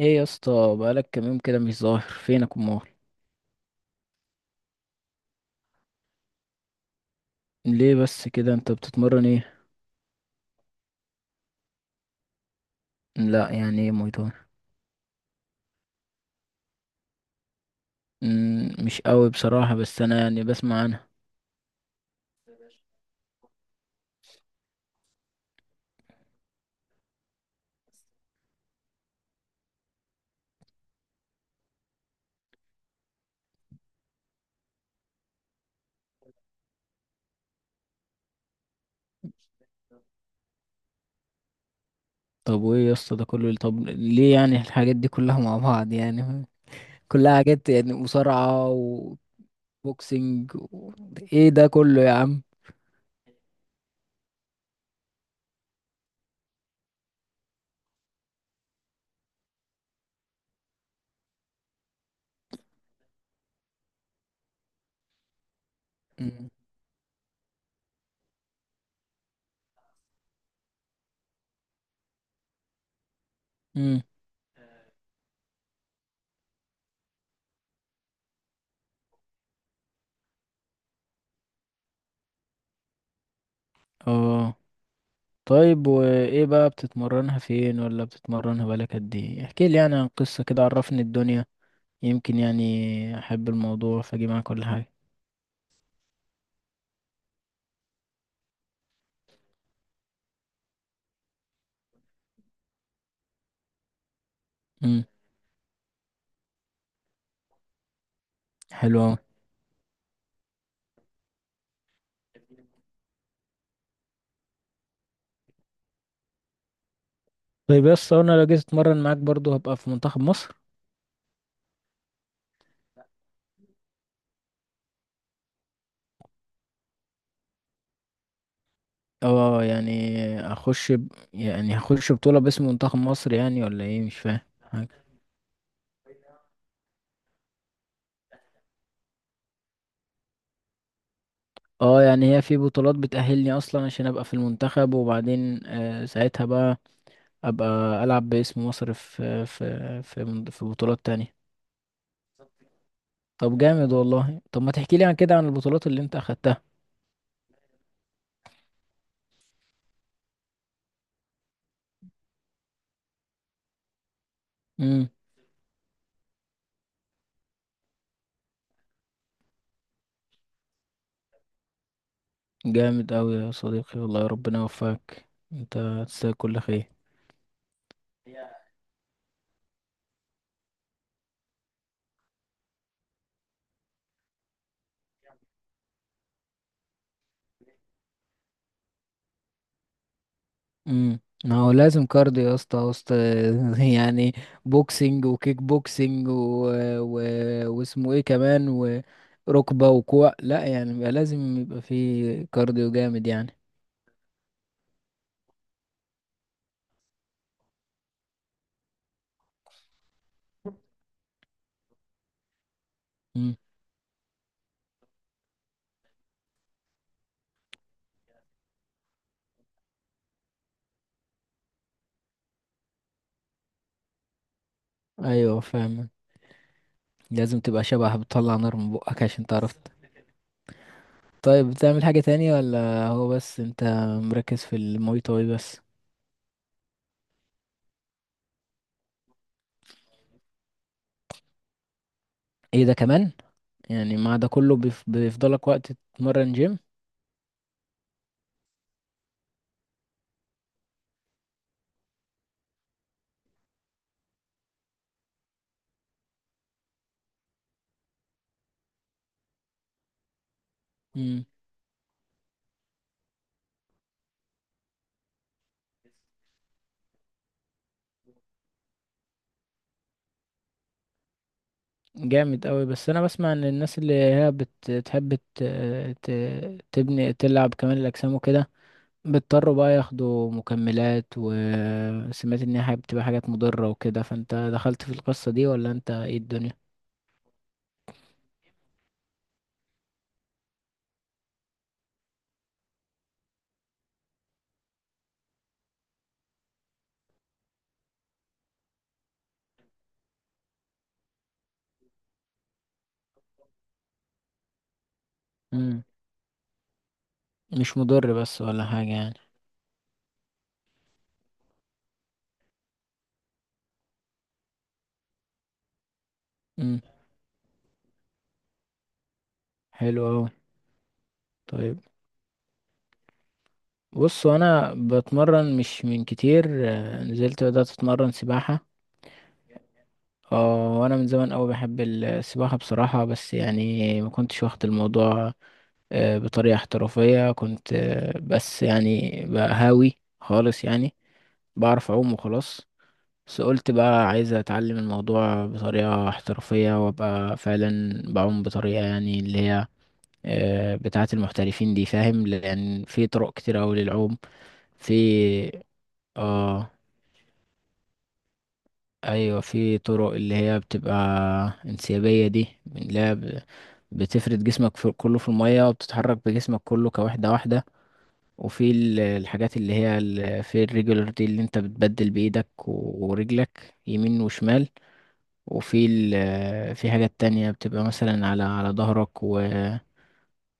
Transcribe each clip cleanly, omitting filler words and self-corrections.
ايه يا اسطى، بقالك كام يوم كده مش ظاهر فينك امال؟ ليه بس كده؟ انت بتتمرن ايه؟ لا، يعني ايه موي تاي؟ مش قوي بصراحة، بس انا يعني بسمع عنها. طب وايه يا اسطى ده كله؟ طب ليه يعني الحاجات دي كلها مع بعض يعني؟ كلها حاجات يعني مصارعة وبوكسينج. و... ايه ده كله يا عم؟ مم. مم. اه. طيب وايه بقى؟ بتتمرنها فين ولا بتتمرنها بقالك قد ايه؟ احكي لي يعني عن قصة كده، عرفني الدنيا، يمكن يعني احب الموضوع فاجي معاك كل حاجه. امم. حلو اوي. طيب، يس، انا لو جيت اتمرن معاك برضو هبقى في منتخب مصر؟ اه، يعني اخش ب... يعني هخش بطوله باسم منتخب مصر يعني، ولا ايه؟ مش فاهم حاجه. اه يعني، هي في بطولات بتأهلني اصلا عشان ابقى في المنتخب، وبعدين ساعتها بقى ابقى العب باسم مصر في في بطولات تانية. طب جامد والله. طب، ما تحكي لي عن كده، عن البطولات اللي انت اخدتها. امم. جامد أوي يا صديقي، والله ربنا يوفقك. انت هتستاهل كل خير. ما هو لازم كارديو يا اسطى وسط يعني بوكسنج وكيك بوكسنج و واسمه ايه كمان؟ وركبة وكوع؟ لا، يعني بيبقى لازم يبقى في كارديو جامد يعني. امم. ايوه، فاهم. لازم تبقى شبح، بتطلع نار من بقك عشان تعرف. طيب، بتعمل حاجة تانية ولا هو بس انت مركز في المواي تاي بس؟ ايه ده كمان؟ يعني مع ده كله بيفضلك وقت تتمرن جيم؟ مم. جامد قوي. بس انا بسمع ان الناس اللي هي بتحب تبني تلعب كمان الاجسام وكده، بيضطروا بقى ياخدوا مكملات. وسمعت ان هي بتبقى حاجات مضرة وكده، فانت دخلت في القصة دي ولا انت؟ ايه الدنيا؟ مم. مش مضر بس ولا حاجة يعني؟ مم. حلو قوي. طيب، بص انا بتمرن مش من كتير، نزلت بدأت اتمرن سباحة. اه وانا من زمان قوي بحب السباحة بصراحة، بس يعني ما كنتش واخد الموضوع بطريقة احترافية. كنت بس يعني بقى هاوي خالص يعني. بعرف اعوم وخلاص. بس قلت بقى عايز اتعلم الموضوع بطريقة احترافية، وابقى فعلا بعوم بطريقة يعني اللي هي بتاعة المحترفين دي، فاهم؟ لان في طرق كتير اوي للعوم. في اه ايوه، في طرق اللي هي بتبقى انسيابيه دي، من اللي هي بتفرد جسمك في كله في الميه، وبتتحرك بجسمك كله كوحده واحده. وفي الحاجات اللي هي في الريجولر دي، اللي انت بتبدل بايدك ورجلك يمين وشمال. وفي في حاجات تانية بتبقى مثلا على ظهرك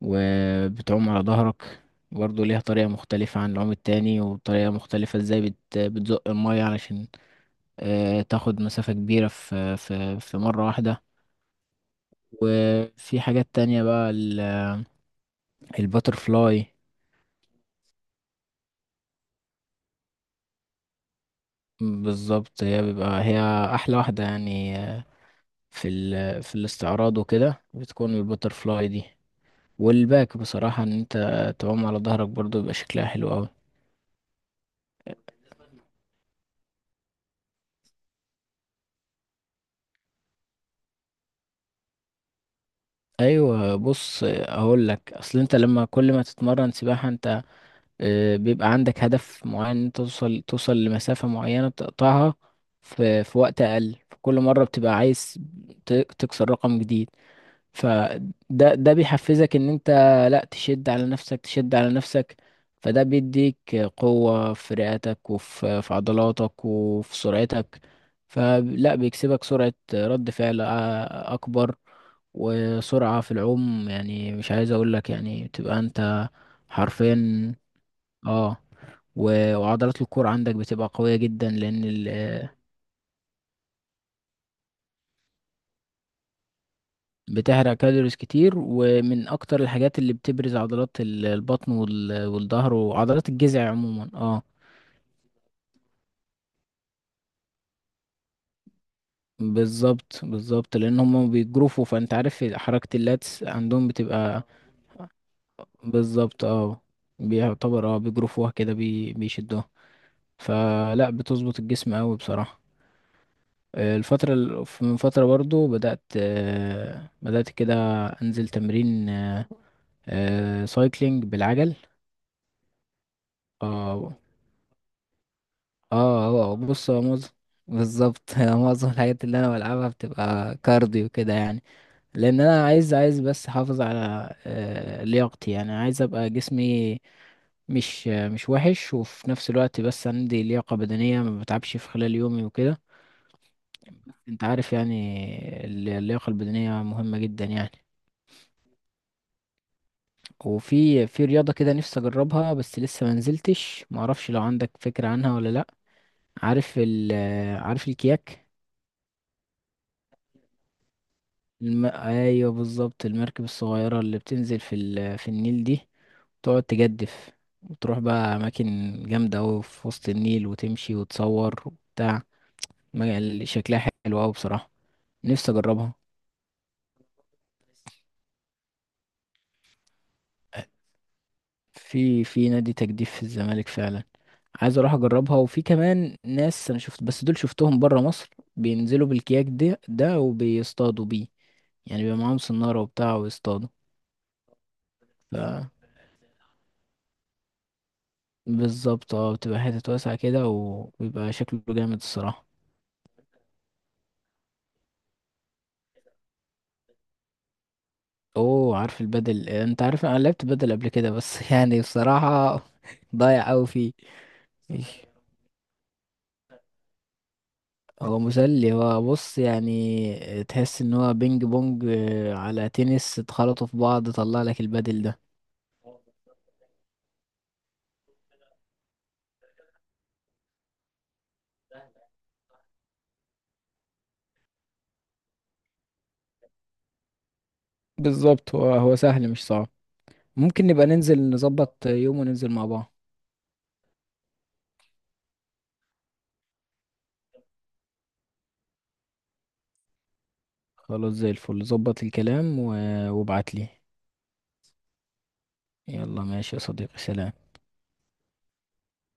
وبتعوم على ظهرك، برضه ليها طريقة مختلفة عن العوم التاني. وطريقة مختلفة، ازاي بتزق المية علشان تاخد مسافة كبيرة في مرة واحدة. وفي حاجات تانية بقى، الباتر فلاي. بالظبط، هي أحلى واحدة يعني، في في الاستعراض وكده بتكون الباتر فلاي دي. والباك بصراحة، إن أنت تعوم على ظهرك برضو، بيبقى شكلها حلو أوي. أيوة، بص، أقول لك. أصل أنت لما كل ما تتمرن سباحة أنت، بيبقى عندك هدف معين إن أنت توصل لمسافة معينة بتقطعها في وقت أقل. فكل مرة بتبقى عايز تكسر رقم جديد. فده ده بيحفزك إن أنت، لأ، تشد على نفسك، تشد على نفسك. فده بيديك قوة في رئتك وفي عضلاتك وفي سرعتك. فلا بيكسبك سرعة رد فعل أكبر، وسرعة في العوم، يعني مش عايز أقولك، يعني بتبقى أنت حرفيا. اه. وعضلات الكور عندك بتبقى قوية جدا لأن بتحرق كالوريز كتير، ومن أكتر الحاجات اللي بتبرز عضلات البطن والظهر، وعضلات الجذع عموما. اه. بالظبط، بالظبط، لأن هما بيجروفوا فأنت عارف حركة اللاتس عندهم بتبقى. بالظبط، بيعتبر، بيجروفوها كده، بيشدوها. فلا بتظبط الجسم أوي بصراحة. الفترة، من فترة برضو بدأت كده أنزل تمرين سايكلينج بالعجل. اه، اه. بص هو معظم بالظبط. معظم الحاجات اللي انا بلعبها بتبقى كارديو كده يعني. لان انا عايز بس احافظ على لياقتي يعني. عايز ابقى جسمي مش وحش، وفي نفس الوقت بس عندي لياقة بدنية ما بتعبش في خلال يومي وكده. انت عارف يعني اللياقة البدنية مهمة جدا يعني. وفي رياضة كده نفسي اجربها، بس لسه ما نزلتش، ما اعرفش لو عندك فكرة عنها ولا لا؟ عارف ال عارف الكياك؟ ايوه، بالظبط المركب الصغيرة اللي بتنزل في في النيل دي. تقعد تجدف، وتروح بقى أماكن جامدة أوي في وسط النيل، وتمشي وتصور وبتاع. شكلها حلو أوي بصراحة. نفسي أجربها. في نادي تجديف في الزمالك فعلا، عايز أروح أجربها. وفي كمان ناس أنا شفت، بس دول شفتهم برا مصر بينزلوا بالكياك ده وبيصطادوا بيه، يعني بيبقى معاهم سنارة وبتاع ويصطادوا. بالظبط، اه، بتبقى حتت واسعة كده وبيبقى شكله جامد الصراحة. اوه، عارف البدل. انت عارف، انا لعبت بدل قبل كده، بس يعني بصراحة ضايع اوي فيه. إيش. هو مسلي. هو بص يعني، تحس ان هو بينج بونج على تنس اتخلطوا في بعض، طلع لك البدل ده. بالظبط، هو سهل مش صعب. ممكن نبقى ننزل، نظبط يوم، وننزل مع بعض. خلاص، زي الفل. ظبط الكلام وابعت لي. يلا ماشي يا صديقي، سلام.